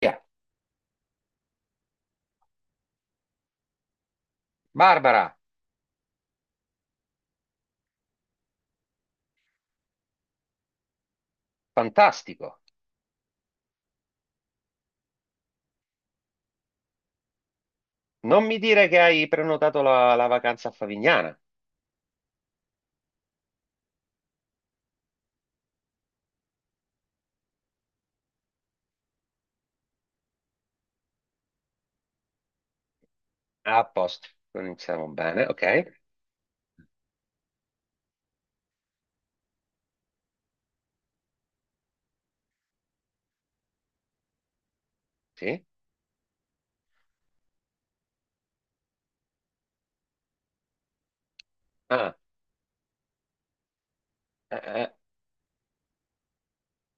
Via. Barbara, fantastico. Non mi dire che hai prenotato la vacanza a Favignana. Ah, a posto, iniziamo bene, ok? Sì. Ah, eh.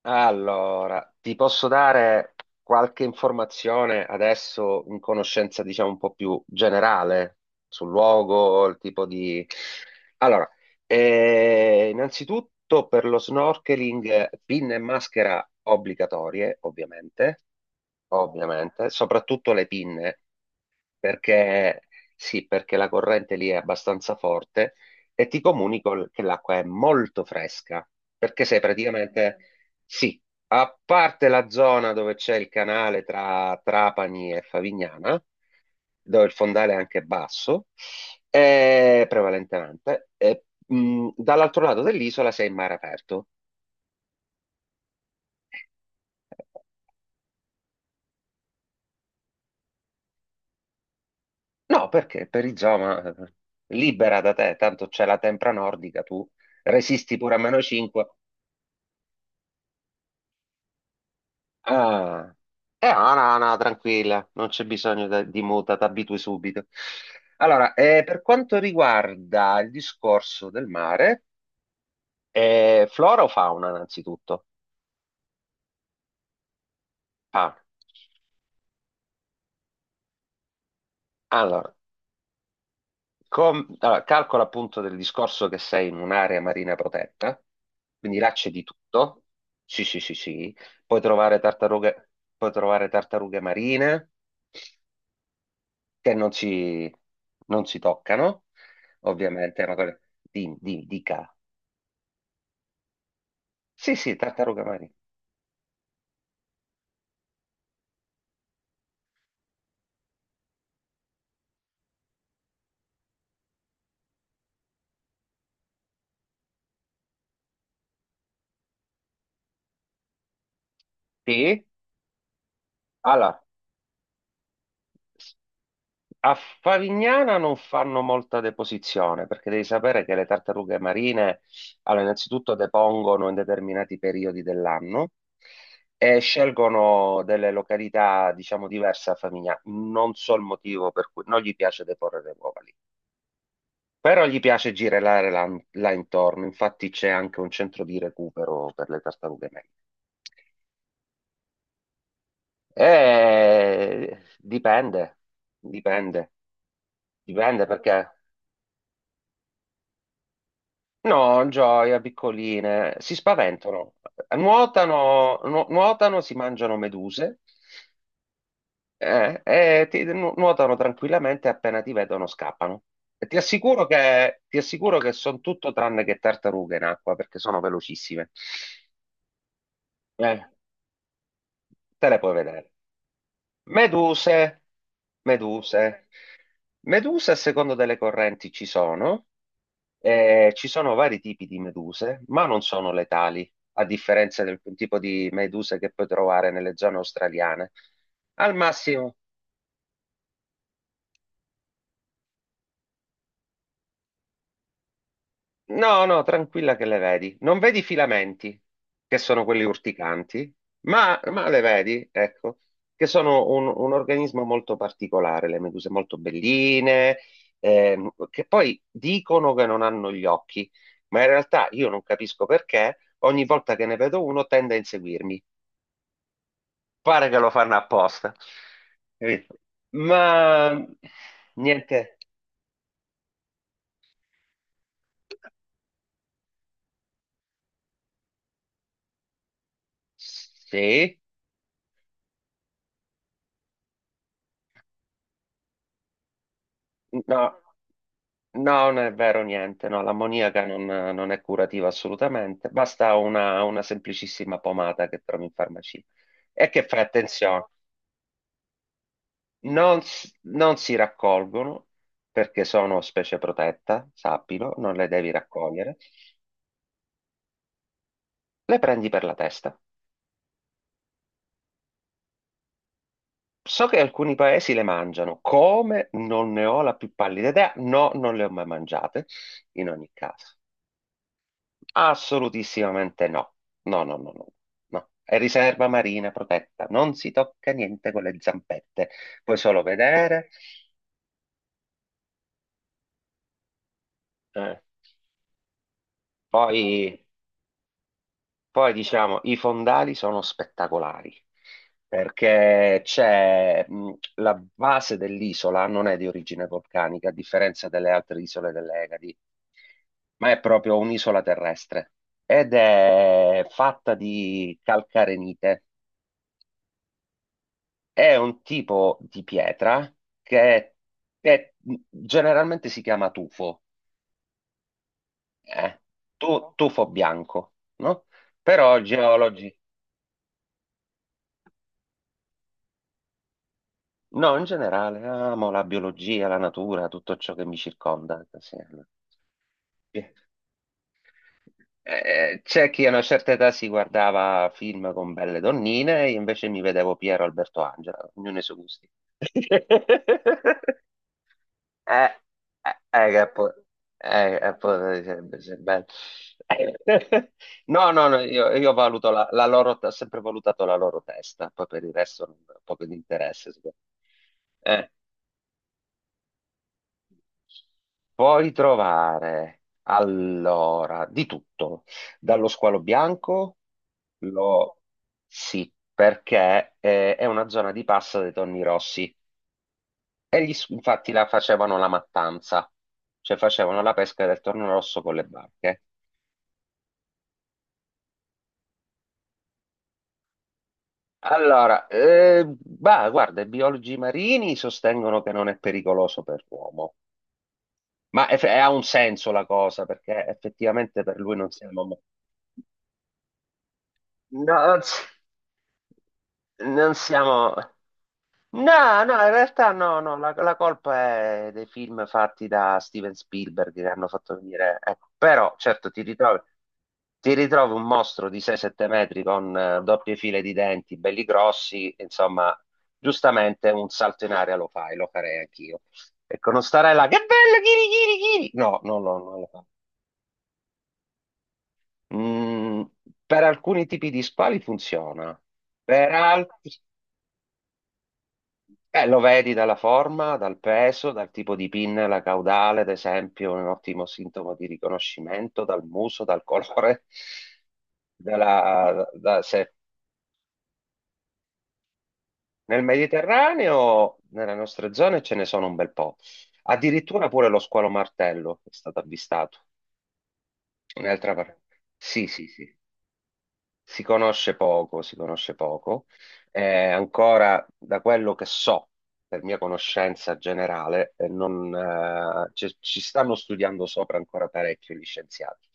Allora, ti posso dare qualche informazione adesso in conoscenza, diciamo, un po' più generale sul luogo, il tipo di. Allora, innanzitutto per lo snorkeling, pinne e maschera obbligatorie, ovviamente, soprattutto le pinne, perché sì, perché la corrente lì è abbastanza forte e ti comunico che l'acqua è molto fresca, perché sei praticamente, sì, a parte la zona dove c'è il canale tra Trapani e Favignana, dove il fondale è anche basso, prevalentemente, e, dall'altro lato dell'isola sei in mare aperto. No, perché per perizoma, libera da te, tanto c'è la tempra nordica, tu resisti pure a meno 5. Ah, è Ana, Ana, tranquilla, non c'è bisogno di muta, ti abitui subito. Allora, per quanto riguarda il discorso del mare, flora o fauna, innanzitutto? Ah, allora, allora, calcola appunto del discorso che sei in un'area marina protetta, quindi là c'è di tutto. Sì, sì, sì, sì. Puoi trovare tartarughe, puoi trovare tartarughe marine, che non si toccano, ovviamente, è una cosa, dica. Sì, sì, tartaruga marina. Sì, allora, a Favignana non fanno molta deposizione, perché devi sapere che le tartarughe marine, allora, innanzitutto depongono in determinati periodi dell'anno e scelgono delle località, diciamo, diverse a Favignana. Non so il motivo per cui non gli piace deporre le uova lì. Però gli piace girare là, là intorno, infatti c'è anche un centro di recupero per le tartarughe meglio. Dipende, dipende, dipende perché no, gioia, piccoline, si spaventano, nuotano, nuotano, si mangiano meduse e ti, nuotano tranquillamente appena ti vedono scappano. E ti assicuro che sono tutto tranne che tartarughe in acqua perché sono velocissime. Eh, te le puoi vedere. Meduse, meduse. Meduse a seconda delle correnti ci sono vari tipi di meduse, ma non sono letali, a differenza del tipo di meduse che puoi trovare nelle zone australiane. Al massimo. No, no, tranquilla che le vedi. Non vedi i filamenti, che sono quelli urticanti, ma le vedi, ecco, che sono un organismo molto particolare, le meduse molto belline, che poi dicono che non hanno gli occhi, ma in realtà io non capisco perché ogni volta che ne vedo uno tende a inseguirmi. Pare che lo fanno apposta. Capito? Ma niente, sì, no. No, non è vero niente, no, l'ammoniaca non è curativa assolutamente, basta una semplicissima pomata che trovi in farmacia. E che fai attenzione, non si raccolgono perché sono specie protetta, sappilo, non le devi raccogliere, le prendi per la testa. So che alcuni paesi le mangiano, come non ne ho la più pallida idea, no, non le ho mai mangiate, in ogni caso. Assolutissimamente no. No, no, no, no. No. È riserva marina protetta. Non si tocca niente con le zampette. Puoi solo vedere. Eh, Poi, poi, diciamo, i fondali sono spettacolari perché c'è la base dell'isola non è di origine vulcanica, a differenza delle altre isole delle Egadi, ma è proprio un'isola terrestre ed è fatta di calcarenite. È un tipo di pietra che è- generalmente si chiama tufo, eh? Tufo bianco, no? Però geologi, no, in generale, amo la biologia, la natura, tutto ciò che mi circonda. Sì. C'è chi a una certa età si guardava film con belle donnine, io invece mi vedevo Piero Alberto Angela, ognuno i suoi gusti. Eh, che poi, poi sarebbe bello. No, no, no, io valuto la loro, ho sempre valutato la loro testa, poi per il resto non ho poco di interesse. Secondo me. Puoi trovare allora di tutto, dallo squalo bianco, lo, sì, perché è una zona di passa dei tonni rossi. E infatti la facevano la mattanza, cioè facevano la pesca del torno rosso con le barche. Allora, bah, guarda, i biologi marini sostengono che non è pericoloso per l'uomo, ma ha un senso la cosa, perché effettivamente per lui non siamo. No, non siamo. No, no, in realtà no, no, la colpa è dei film fatti da Steven Spielberg che hanno fatto venire, ecco, però certo ti ritrovi, un mostro di 6-7 metri con doppie file di denti, belli grossi, insomma, giustamente un salto in aria lo fai, lo farei anch'io. Ecco, non starei là, che bello, chiri, chiri, chiri! No, non lo fa. Mm, per alcuni tipi di spali funziona, per altri. Lo vedi dalla forma, dal peso, dal tipo di pinnella caudale, ad esempio, un ottimo sintomo di riconoscimento, dal muso, dal colore. della- da- se- Nel Mediterraneo, nelle nostre zone, ce ne sono un bel po'. Addirittura pure lo squalo martello è stato avvistato. Un'altra par- Sì, sì, sì. Si conosce poco, si conosce poco. Ancora da quello che so, per mia conoscenza generale, non, ci, ci stanno studiando sopra ancora parecchio gli scienziati.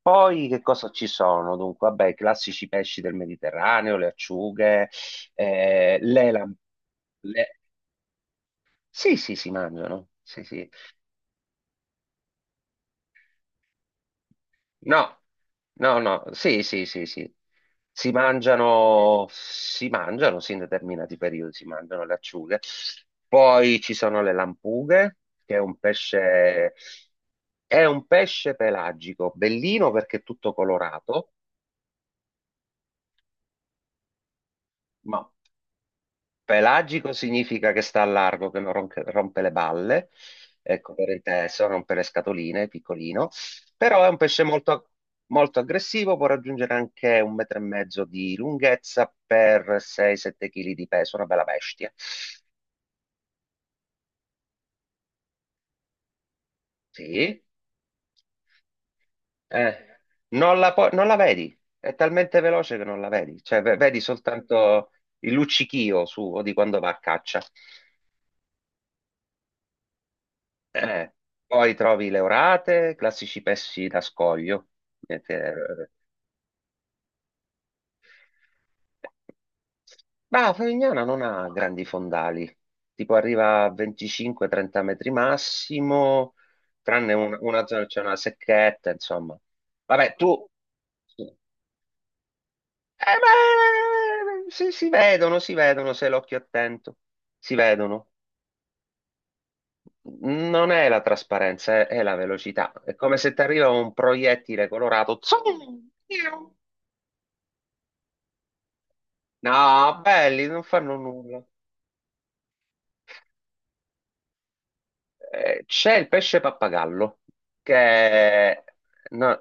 Poi che cosa ci sono? Dunque, vabbè, i classici pesci del Mediterraneo, le acciughe, eh, le, lam- le- sì, sì, si mangiano. Sì, sì, no, no, no, sì, sì, sì, sì. Si mangiano, sì, in determinati periodi si mangiano le acciughe. Poi ci sono le lampughe, che è un pesce pelagico, bellino perché è tutto colorato, ma pelagico significa che sta a largo, che non ronche- rompe le balle, ecco per il teso, rompe le scatoline, piccolino, però è un pesce molto, molto aggressivo, può raggiungere anche un metro e mezzo di lunghezza per 6-7 kg di peso, una bella bestia. Sì, eh, non la vedi, è talmente veloce che non la vedi, cioè vedi soltanto il luccichio suo di quando va a caccia. Eh, Poi trovi le orate, classici pesci da scoglio. eh, che- Ma Favignana non ha grandi fondali, tipo arriva a 25-30 metri massimo, tranne una zona, c'è una secchetta, insomma. Vabbè, tu. Eh, si vedono, si vedono, se l'occhio è attento, si vedono. Non è la trasparenza, è la velocità. È come se ti arriva un proiettile colorato. Zoom! Piu! No, belli, non fanno nulla. C'è il pesce pappagallo, che. No,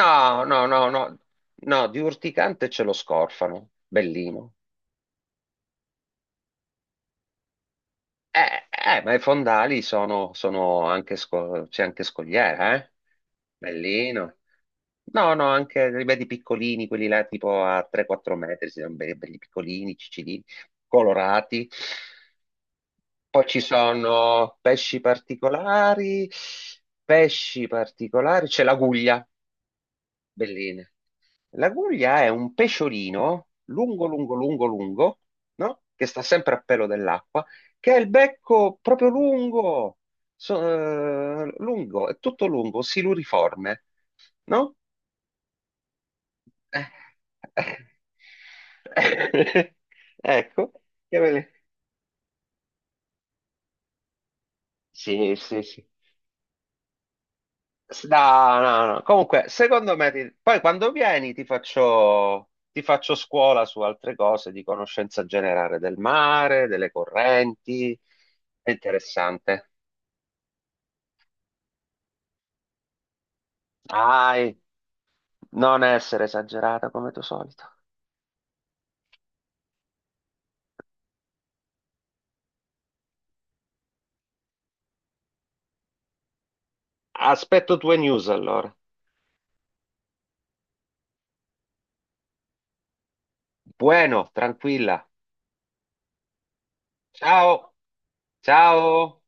no, no, no, no, no, di urticante ce lo scorfano. Bellino. Ma i fondali sono anche, c'è anche scogliera, eh? Bellino. No, no, anche li vedi piccolini, quelli là tipo a 3-4 metri, si sono belli, belli piccolini, ciccini, colorati. Poi ci sono pesci particolari, c'è l'aguglia, belline. La guglia è un pesciolino lungo, lungo, lungo, lungo, no? Che sta sempre a pelo dell'acqua, che ha il becco proprio lungo, so- lungo, è tutto lungo, siluriforme, no? Eh, eh. Ecco, che bene. Sì, sì, sì. No, no, no. Comunque, secondo me, poi quando vieni ti faccio, scuola su altre cose di conoscenza generale del mare, delle correnti. È interessante. Dai, non essere esagerata come tuo solito. Aspetto tue news allora. Bueno, tranquilla. Ciao, ciao.